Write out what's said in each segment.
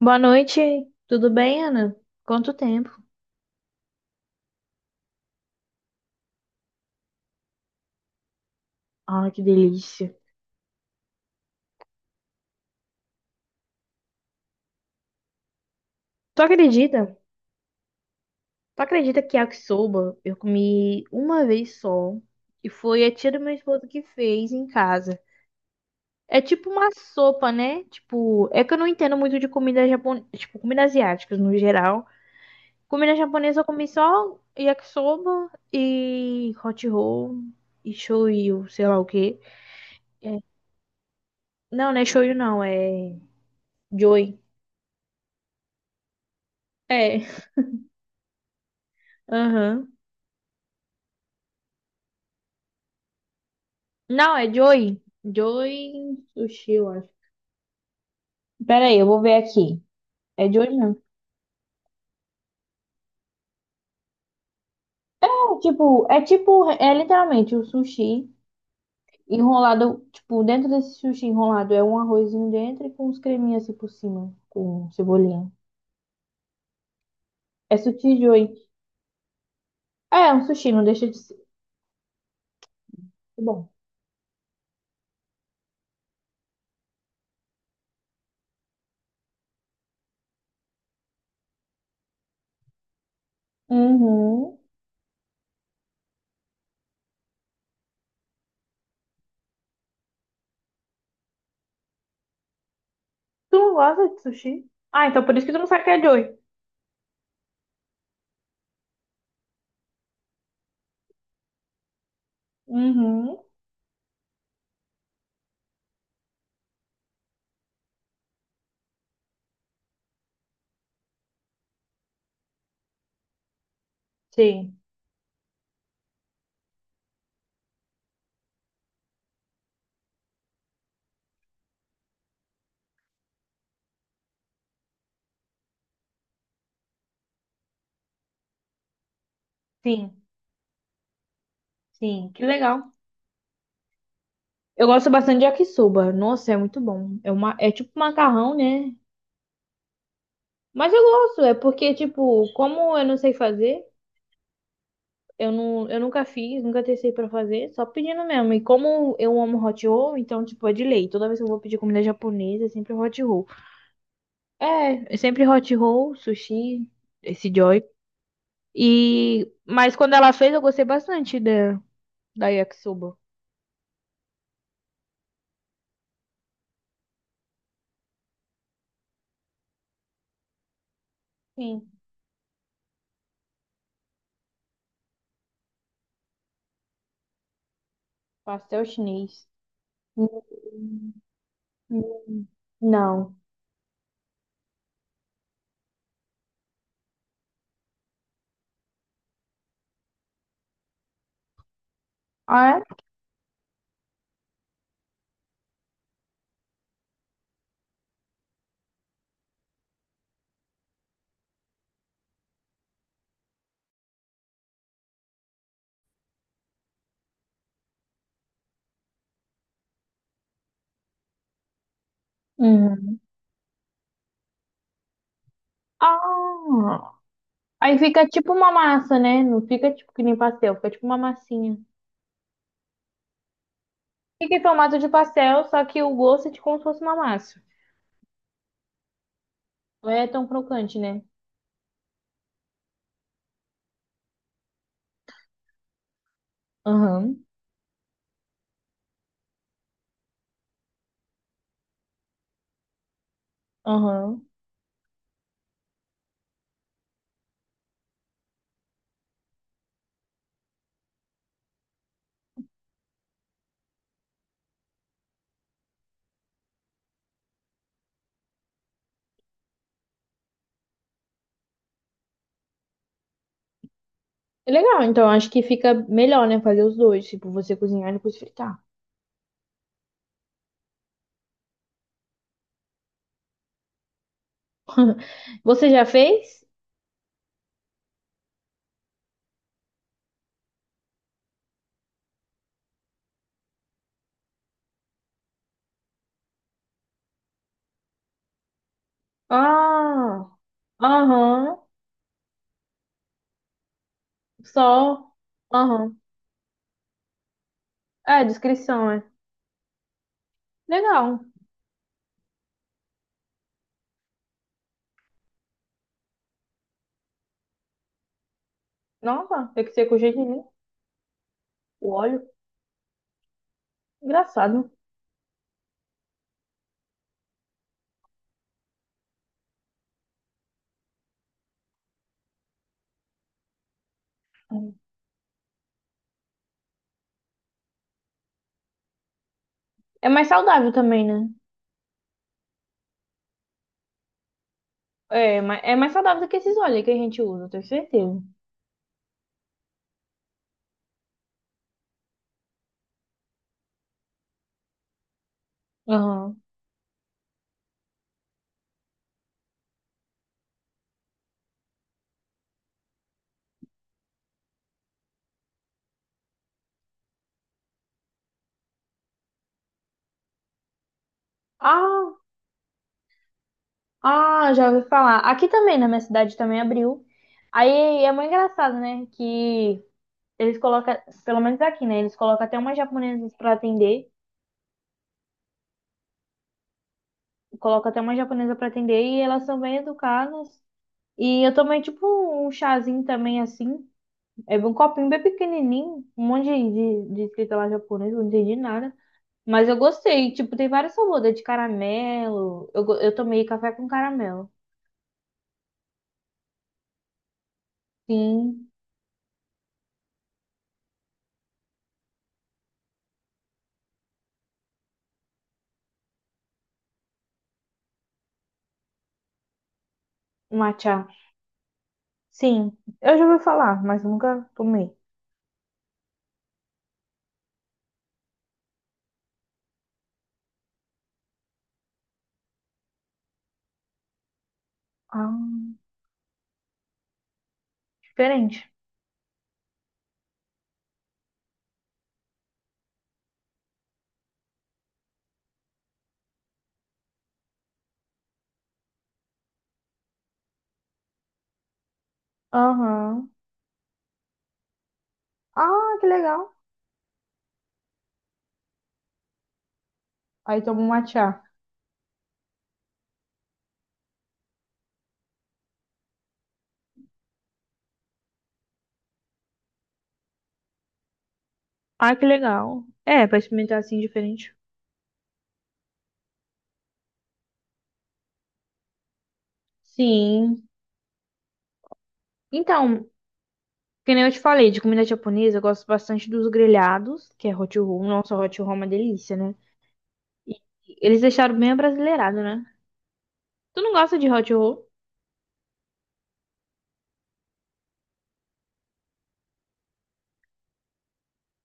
Boa noite, tudo bem, Ana? Quanto tempo? Ah, que delícia. Tu acredita? Tu acredita que yakisoba eu comi uma vez só e foi a tia do meu esposo que fez em casa. É tipo uma sopa, né? Tipo, é que eu não entendo muito de comida japonesa, tipo, comida asiática no geral. Comida japonesa eu comi só yakisoba e hot roll e shoyu, sei lá o quê. É. Não, não é shoyu não, é joy. É, aham. Não, é Joy. Joy Sushi, eu acho. Pera aí, eu vou ver aqui. É Joy mesmo. É tipo, é literalmente o sushi enrolado, tipo, dentro desse sushi enrolado é um arrozinho dentro e com uns creminhos assim por cima, com cebolinha. É sushi Joy. É, é um sushi, não deixa de ser bom. Uhum. Tu não gosta de sushi? Ah, então por isso que tu não sabe que é Joy. Uhum. Sim, sim, sim. Que legal. Eu gosto bastante de yakisoba. Nossa, é muito bom. É uma, é tipo macarrão, né? Mas eu gosto, é porque, tipo, como eu não sei fazer, eu, não, eu nunca fiz, nunca testei pra fazer, só pedindo mesmo. E como eu amo hot roll, então, tipo, é de lei. Toda vez que eu vou pedir comida japonesa, é sempre hot roll. É, é sempre hot roll, sushi, esse joy. E... Mas quando ela fez, eu gostei bastante da, da yakisoba. Sim, pastel chinês. Hum, hum, Não. Ah, é? Uhum. Ah, aí fica tipo uma massa, né? Não fica tipo que nem pastel, fica tipo uma massinha. Fica em formato de pastel, só que o gosto é de como se fosse uma massa. Não é tão crocante, né? Aham, aham. É legal, então acho que fica melhor, né? Fazer os dois, tipo, você cozinhar e depois fritar. Você já fez? Ah, aham. Só, aham. É, descrição, é. Legal. Nossa, tem que ser com jejum, né? O óleo. Engraçado. É mais saudável também, né? É, mas é mais saudável do que esses óleos que a gente usa, tenho certeza. Aham. Ah, ah, já ouvi falar. Aqui também, na minha cidade também abriu. Aí é muito engraçado, né? Que eles colocam, pelo menos aqui, né? Eles colocam até umas japonesas pra atender, colocam até uma japonesa pra atender e elas são bem educadas. E eu tomei tipo um chazinho também assim, é um copinho bem pequenininho, um monte de escrita lá japonesa, não entendi nada. Mas eu gostei. Tipo, tem vários sabores, é de caramelo. Eu, go- eu tomei café com caramelo. Sim, matcha. Sim, eu já ouvi falar, mas nunca tomei. Ah, diferente. Aham. Ah, que legal. Aí tomo um matcha. Ah, que legal. É, pra experimentar assim diferente. Sim. Então, que nem eu te falei, de comida japonesa, eu gosto bastante dos grelhados, que é hot roll. Nossa, hot roll é uma delícia, né? E eles deixaram bem abrasileirado, né? Tu não gosta de hot roll?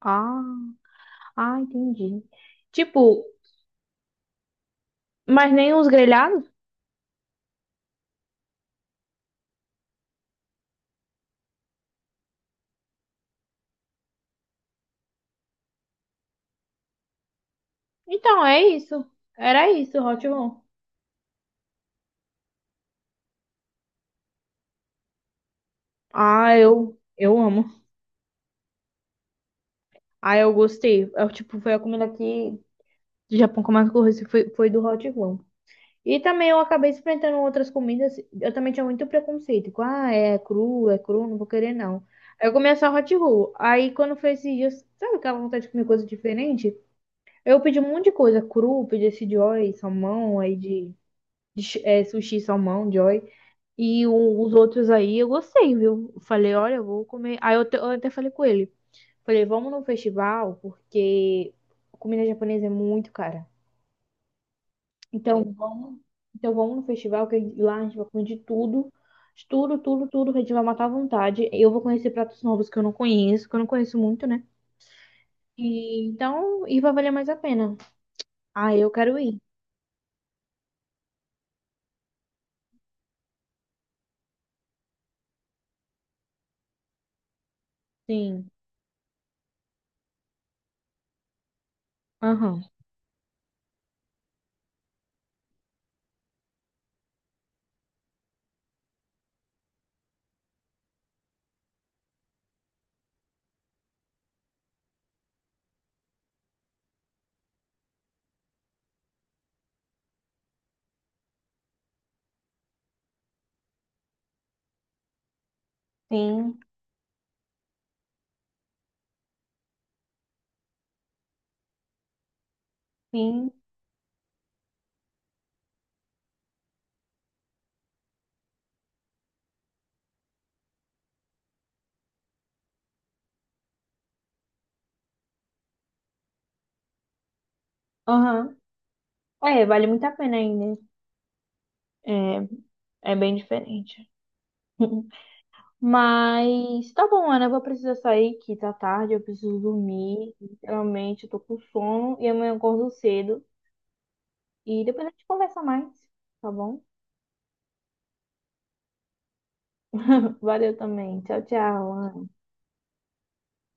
Ah. Ah, entendi. Tipo, mas nem os grelhados? Então, é isso. Era isso, Hot Roll. Ah, eu amo. Ah, eu gostei. Eu, tipo, foi a comida que do Japão que eu mais gostei, foi, foi do Hot Roll. E também eu acabei experimentando outras comidas. Eu também tinha muito preconceito. Com, ah, é cru, não vou querer, não. Aí eu comia só Hot Roll. Aí quando foi esses dias, sabe aquela vontade de comer coisa diferente? Eu pedi um monte de coisa. Cru, pedi esse Joy, salmão, aí de sushi, salmão, Joy. E o- os outros aí eu gostei, viu? Eu falei, olha, eu vou comer. Aí eu, te- eu até falei com ele. Falei, vamos no festival, porque comida japonesa é muito cara. Então vamos, então vamos no festival, que a gente- lá a gente vai comer de tudo. De tudo, tudo, tudo, que a gente vai matar à vontade. Eu vou conhecer pratos novos que eu não conheço, que eu não conheço muito, né? E, então, e vai valer mais a pena. Ah, eu quero ir. Sim. Aham. Sim, sim. Aham. É, vale muito a pena ainda. É, é bem diferente. Mas tá bom, Ana, eu vou precisar sair que tá tarde, eu preciso dormir. Realmente, eu tô com sono e amanhã eu acordo cedo. E depois a gente conversa mais, tá bom? Valeu também. Tchau, tchau, Ana.